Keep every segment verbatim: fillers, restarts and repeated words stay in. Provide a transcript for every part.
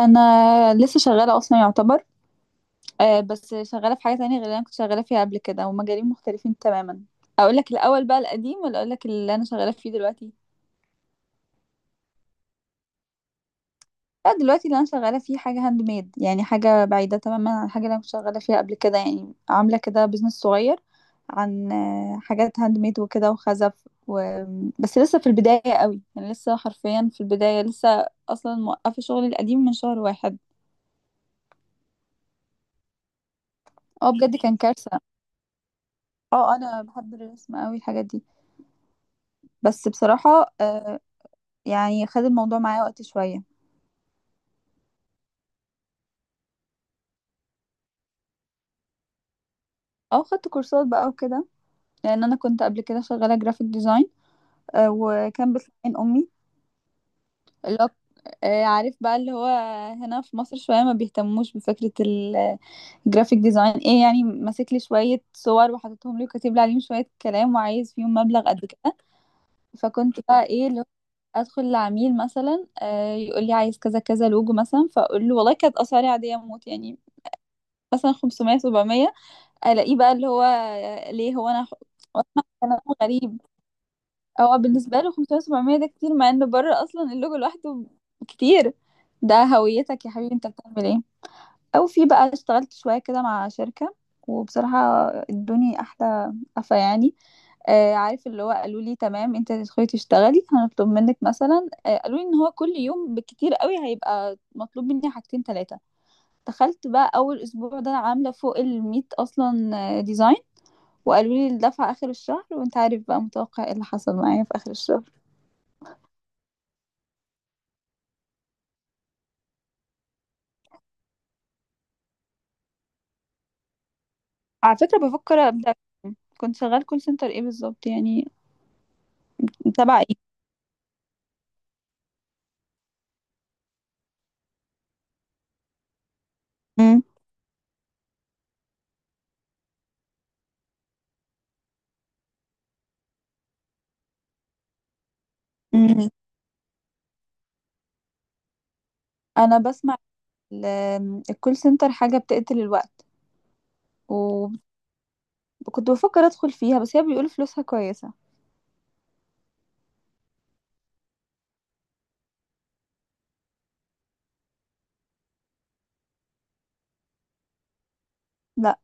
انا لسه شغاله اصلا يعتبر. آه، بس شغاله في حاجه تانية غير اللي انا كنت شغاله فيها قبل كده، ومجالين مختلفين تماما. اقول لك الاول بقى القديم ولا اقول لك اللي انا شغاله فيه دلوقتي؟ لا، دلوقتي اللي انا شغاله فيه حاجه هاند ميد، يعني حاجه بعيده تماما عن الحاجه اللي انا كنت شغاله فيها قبل كده، يعني عامله كده بزنس صغير عن آه، حاجات هاند ميد وكده وخزف و... بس لسه في البدايه قوي، يعني لسه حرفيا في البدايه، لسه اصلا موقفه شغلي القديم من شهر واحد. اه بجد كان كارثه. اه انا بحب الرسم قوي الحاجات دي، بس بصراحة آه، يعني خد الموضوع معايا وقت شوية، او خدت كورسات بقى وكده، لان انا كنت قبل كده شغالة جرافيك ديزاين، وكان بتعين امي اللي هو آه، عارف بقى اللي هو، هنا في مصر شوية ما بيهتموش بفكرة ال- الجرافيك ديزاين ايه، يعني ماسك لي شوية صور وحاططهم لي وكاتب لي عليهم شوية كلام وعايز فيهم مبلغ قد كده. فكنت بقى ايه اللي هو ادخل لعميل مثلا، آه، يقول لي عايز كذا كذا لوجو مثلا، فاقول له والله كانت اسعاري عادية موت يعني، مثلا خمسمائة سبعميه. الاقيه بقى اللي هو ليه هو انا، واسمع كلام غريب. هو بالنسبه له خمسميه سبعميه ده كتير، مع انه بره اصلا اللوجو لوحده كتير. ده هويتك يا حبيبي، انت بتعمل ايه؟ او في بقى اشتغلت شويه كده مع شركه، وبصراحه ادوني احلى قفا يعني. آه، عارف اللي هو قالوا لي تمام انت تدخلي تشتغلي، هنطلب منك مثلا، آه قالوا لي ان هو كل يوم بالكتير قوي هيبقى مطلوب مني حاجتين ثلاثه. دخلت بقى اول اسبوع ده عامله فوق ال ميه اصلا ديزاين، وقالوا لي الدفعة آخر الشهر، وانت عارف بقى متوقع ايه اللي حصل معايا في آخر الشهر. على فكرة بفكر أبدأ. كنت شغال كول سنتر ايه بالظبط يعني؟ تبع ايه؟ مم. مم. انا بسمع ال- الكول سنتر حاجة بتقتل الوقت، وكنت بفكر ادخل فيها، بس هي بيقولوا فلوسها كويسة. لا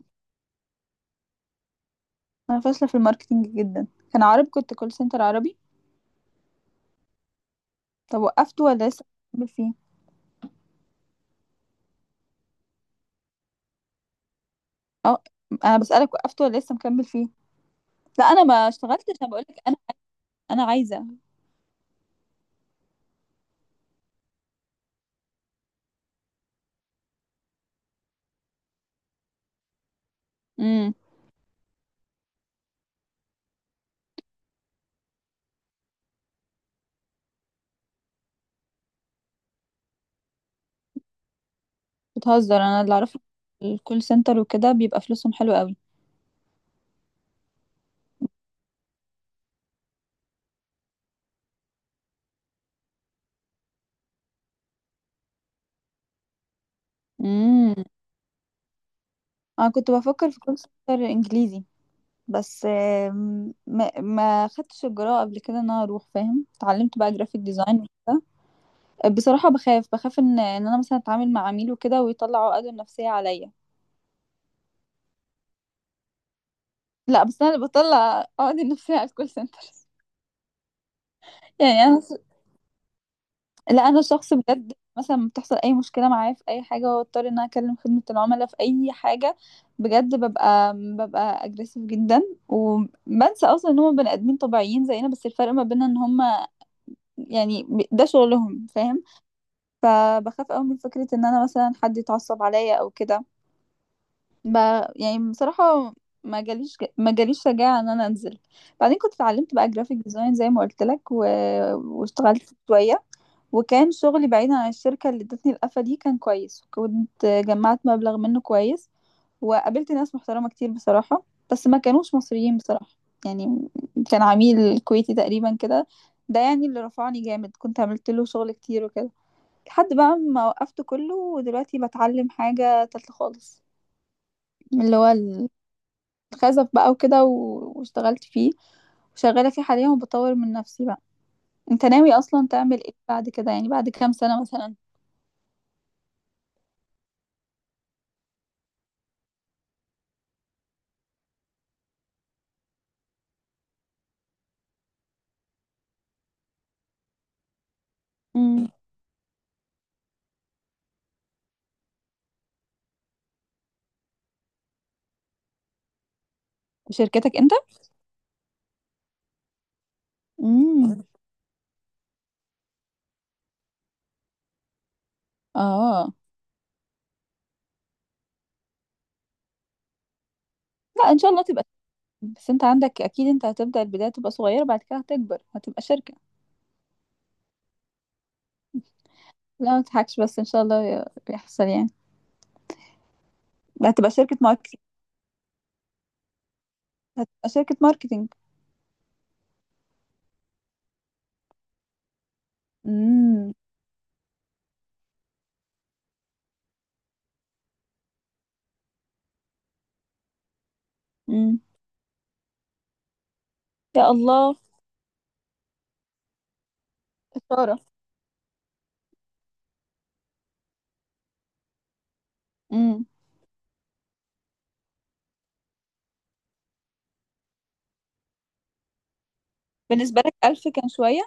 انا فاشلة في الماركتينج جدا. كان عربي، كنت كول سنتر عربي. طب وقفت ولا لسه مكمل فيه؟ اه، انا بسألك وقفت ولا لسه مكمل فيه؟ لا انا ما اشتغلتش، انا بقولك انا، انا عايزة. بتهزر؟ انا اللي اعرفه الكول سنتر وكده بيبقى فلوسهم حلوة قوي. امم. انا كنت بفكر في كول سنتر انجليزي، بس آم، ما ما خدتش الجرأة قبل كده ان انا اروح، فاهم؟ اتعلمت بقى جرافيك ديزاين وكده. بصراحة بخاف بخاف ان ان انا مثلا اتعامل مع عميل وكده ويطلع عقده النفسية عليا. لا بس انا اللي بطلع عقدي النفسية على الكول سنتر. يعني انا، لا انا شخص بجد، مثلا بتحصل اي مشكله معايا في اي حاجه، واضطر ان انا اكلم خدمه العملاء في اي حاجه، بجد ببقى ببقى اجريسيف جدا، وبنسى اصلا ان هم بني ادمين طبيعيين زينا، بس الفرق ما بيننا ان هم، يعني ب- ده شغلهم، فاهم؟ فبخاف قوي من فكره ان انا مثلا حد يتعصب عليا او كده، ب... يعني بصراحة ما جاليش ما جاليش شجاعة ان انا انزل. بعدين كنت اتعلمت بقى جرافيك ديزاين زي ما قلت لك و... واشتغلت شوية. وكان شغلي بعيدا عن الشركة اللي ادتني القفة دي كان كويس، وكنت جمعت مبلغ منه كويس، وقابلت ناس محترمة كتير بصراحة، بس ما كانوش مصريين بصراحة. يعني كان عميل كويتي تقريبا كده، ده يعني اللي رفعني جامد، كنت عملت له شغل كتير وكده، لحد بقى ما وقفت كله، ودلوقتي بتعلم حاجة تالتة خالص، اللي هو خزف بقى وكده و- واشتغلت فيه، وشغالة فيه حاليا، وبطور من نفسي بقى. انت ناوي اصلا تعمل ايه بعد كده، يعني بعد كام سنة مثلا؟ امم. في شركتك انت؟ امم. اه لا، ان شاء الله تبقى. بس انت عندك اكيد، انت هتبدأ البداية تبقى صغيرة، بعد كده هتكبر، هتبقى شركة. لا ما تضحكش، بس ان شاء الله ي- يحصل يعني. لا هتبقى شركة ماركتينج. هتبقى شركة ماركتينج. امم. امم. يا الله. اشارة. امم. بالنسبة لك ألف كان شوية؟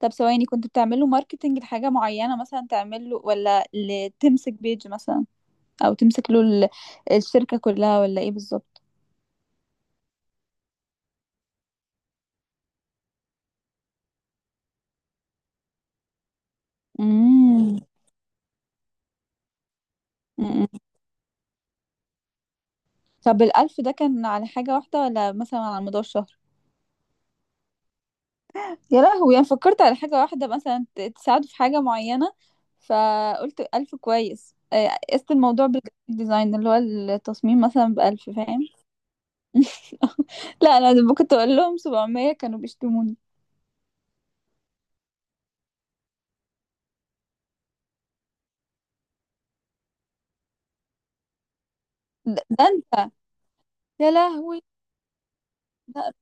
طب ثواني، كنت بتعمل له ماركتنج لحاجة معينة مثلا، تعمل له ولا ل- تمسك بيج مثلا، او تمسك له ال- الشركة كلها، ولا ايه بالظبط؟ امم. أمم. طب الألف ده كان على حاجة واحدة، ولا مثلا على مدار الشهر؟ يا لهوي، يعني فكرت على حاجة واحدة مثلا ت- تساعده في حاجة معينة، فقلت ألف كويس، آه، قست الموضوع بالجرافيك ديزاين اللي هو التصميم مثلا بألف، فاهم؟ لا أنا كنت أقول لهم سبعميه كانوا بيشتموني. ده ده أنت. يا لهوي. لا.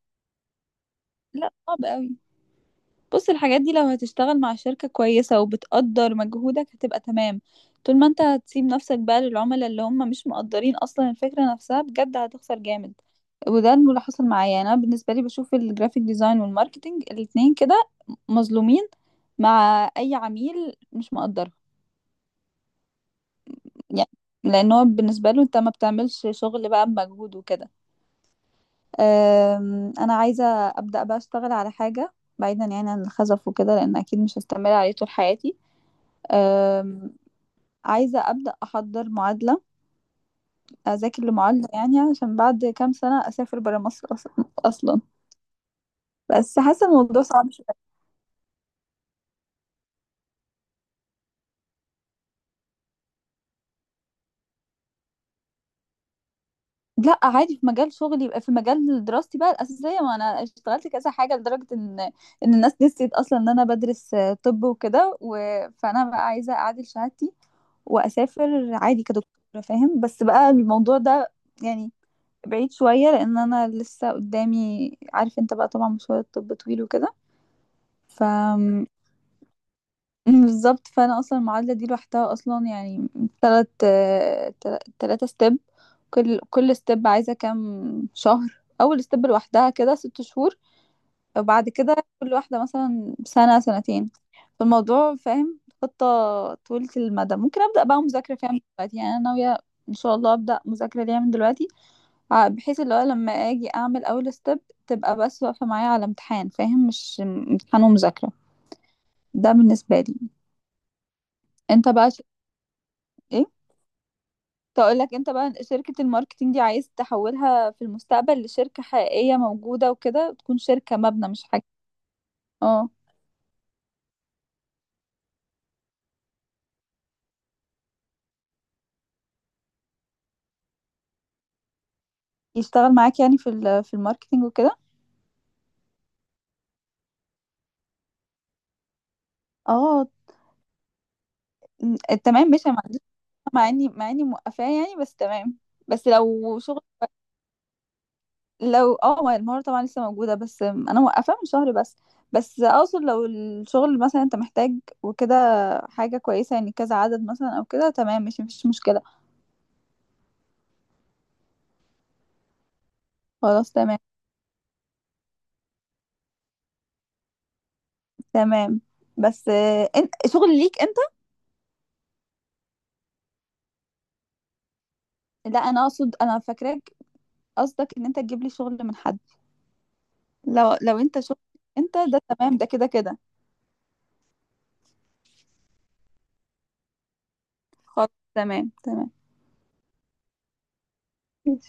لا صعب قوي. بص الحاجات دي لو هتشتغل مع شركة كويسة وبتقدر مجهودك هتبقى تمام، طول ما انت هتسيب نفسك بقى للعملاء اللي هم مش مقدرين اصلا الفكرة نفسها، بجد هتخسر جامد. وده اللي حصل معايا يعني. انا بالنسبة لي بشوف الجرافيك ديزاين والماركتينج الاتنين كده مظلومين مع اي عميل مش مقدره. يعني لان هو بالنسبة له انت ما بتعملش شغل بقى بمجهود وكده. أم، انا عايزه ابدا بقى اشتغل على حاجه بعيدا يعني عن الخزف وكده، لان اكيد مش هستمر عليه طول حياتي. أم، عايزه ابدا احضر معادله، اذاكر لمعادله يعني عشان بعد كام سنه اسافر برا مصر أص- اصلا، بس حاسه الموضوع صعب شويه. لا عادي في مجال شغلي، يبقى في مجال دراستي بقى الاساسيه، ما انا اشتغلت كذا حاجه لدرجه ان ان الناس نسيت اصلا ان انا بدرس، آه، طب وكده و... فانا بقى عايزه اعادل شهادتي واسافر عادي كدكتوره، فاهم؟ بس بقى الموضوع ده يعني بعيد شويه، لان انا لسه قدامي، عارف انت بقى طبعا مشوار الطب طويل وكده. ف م- بالظبط. فانا اصلا المعادله دي لوحدها اصلا يعني تلات تل- تلاتة ستيب. كل كل ستيب عايزه كام شهر. اول ستيب لوحدها كده ست شهور، وبعد كده كل واحدة مثلا سنة سنتين. فالموضوع، فاهم، خطة طويلة المدى. ممكن أبدأ بقى مذاكرة فيها من دلوقتي، يعني أنا ناوية إن شاء الله أبدأ مذاكرة ليها من دلوقتي، ع- بحيث اللي هو لما أجي أعمل أول ستيب تبقى بس واقفة معايا على امتحان، فاهم؟ مش م- امتحان ومذاكرة. ده بالنسبة لي. أنت بقى ش... إيه؟ تقول لك انت بقى شركة الماركتينج دي عايز تحولها في المستقبل لشركة حقيقية موجودة وكده، تكون شركة مبنى، مش حاجة. اه. يشتغل معاك يعني في ال- في الماركتينج وكده؟ اه. م، تمام ماشي، انا ما عنديش مع اني مع اني موقفاه يعني، بس تمام، بس لو شغل. لو اه، ما المهارة طبعا لسه موجودة، بس انا موقفاه من شهر بس. بس اقصد لو الشغل مثلا انت محتاج وكده، حاجة كويسة يعني، كذا عدد مثلا او كده، تمام، مش مفيش مشكلة. خلاص، تمام. تمام. بس آه، انت شغل ليك انت؟ لا انا اقصد، انا فاكراك قصدك ان انت تجيب لي شغل من حد. لو لو انت شغل انت ده تمام، ده كده كده. خلاص، تمام. تمام.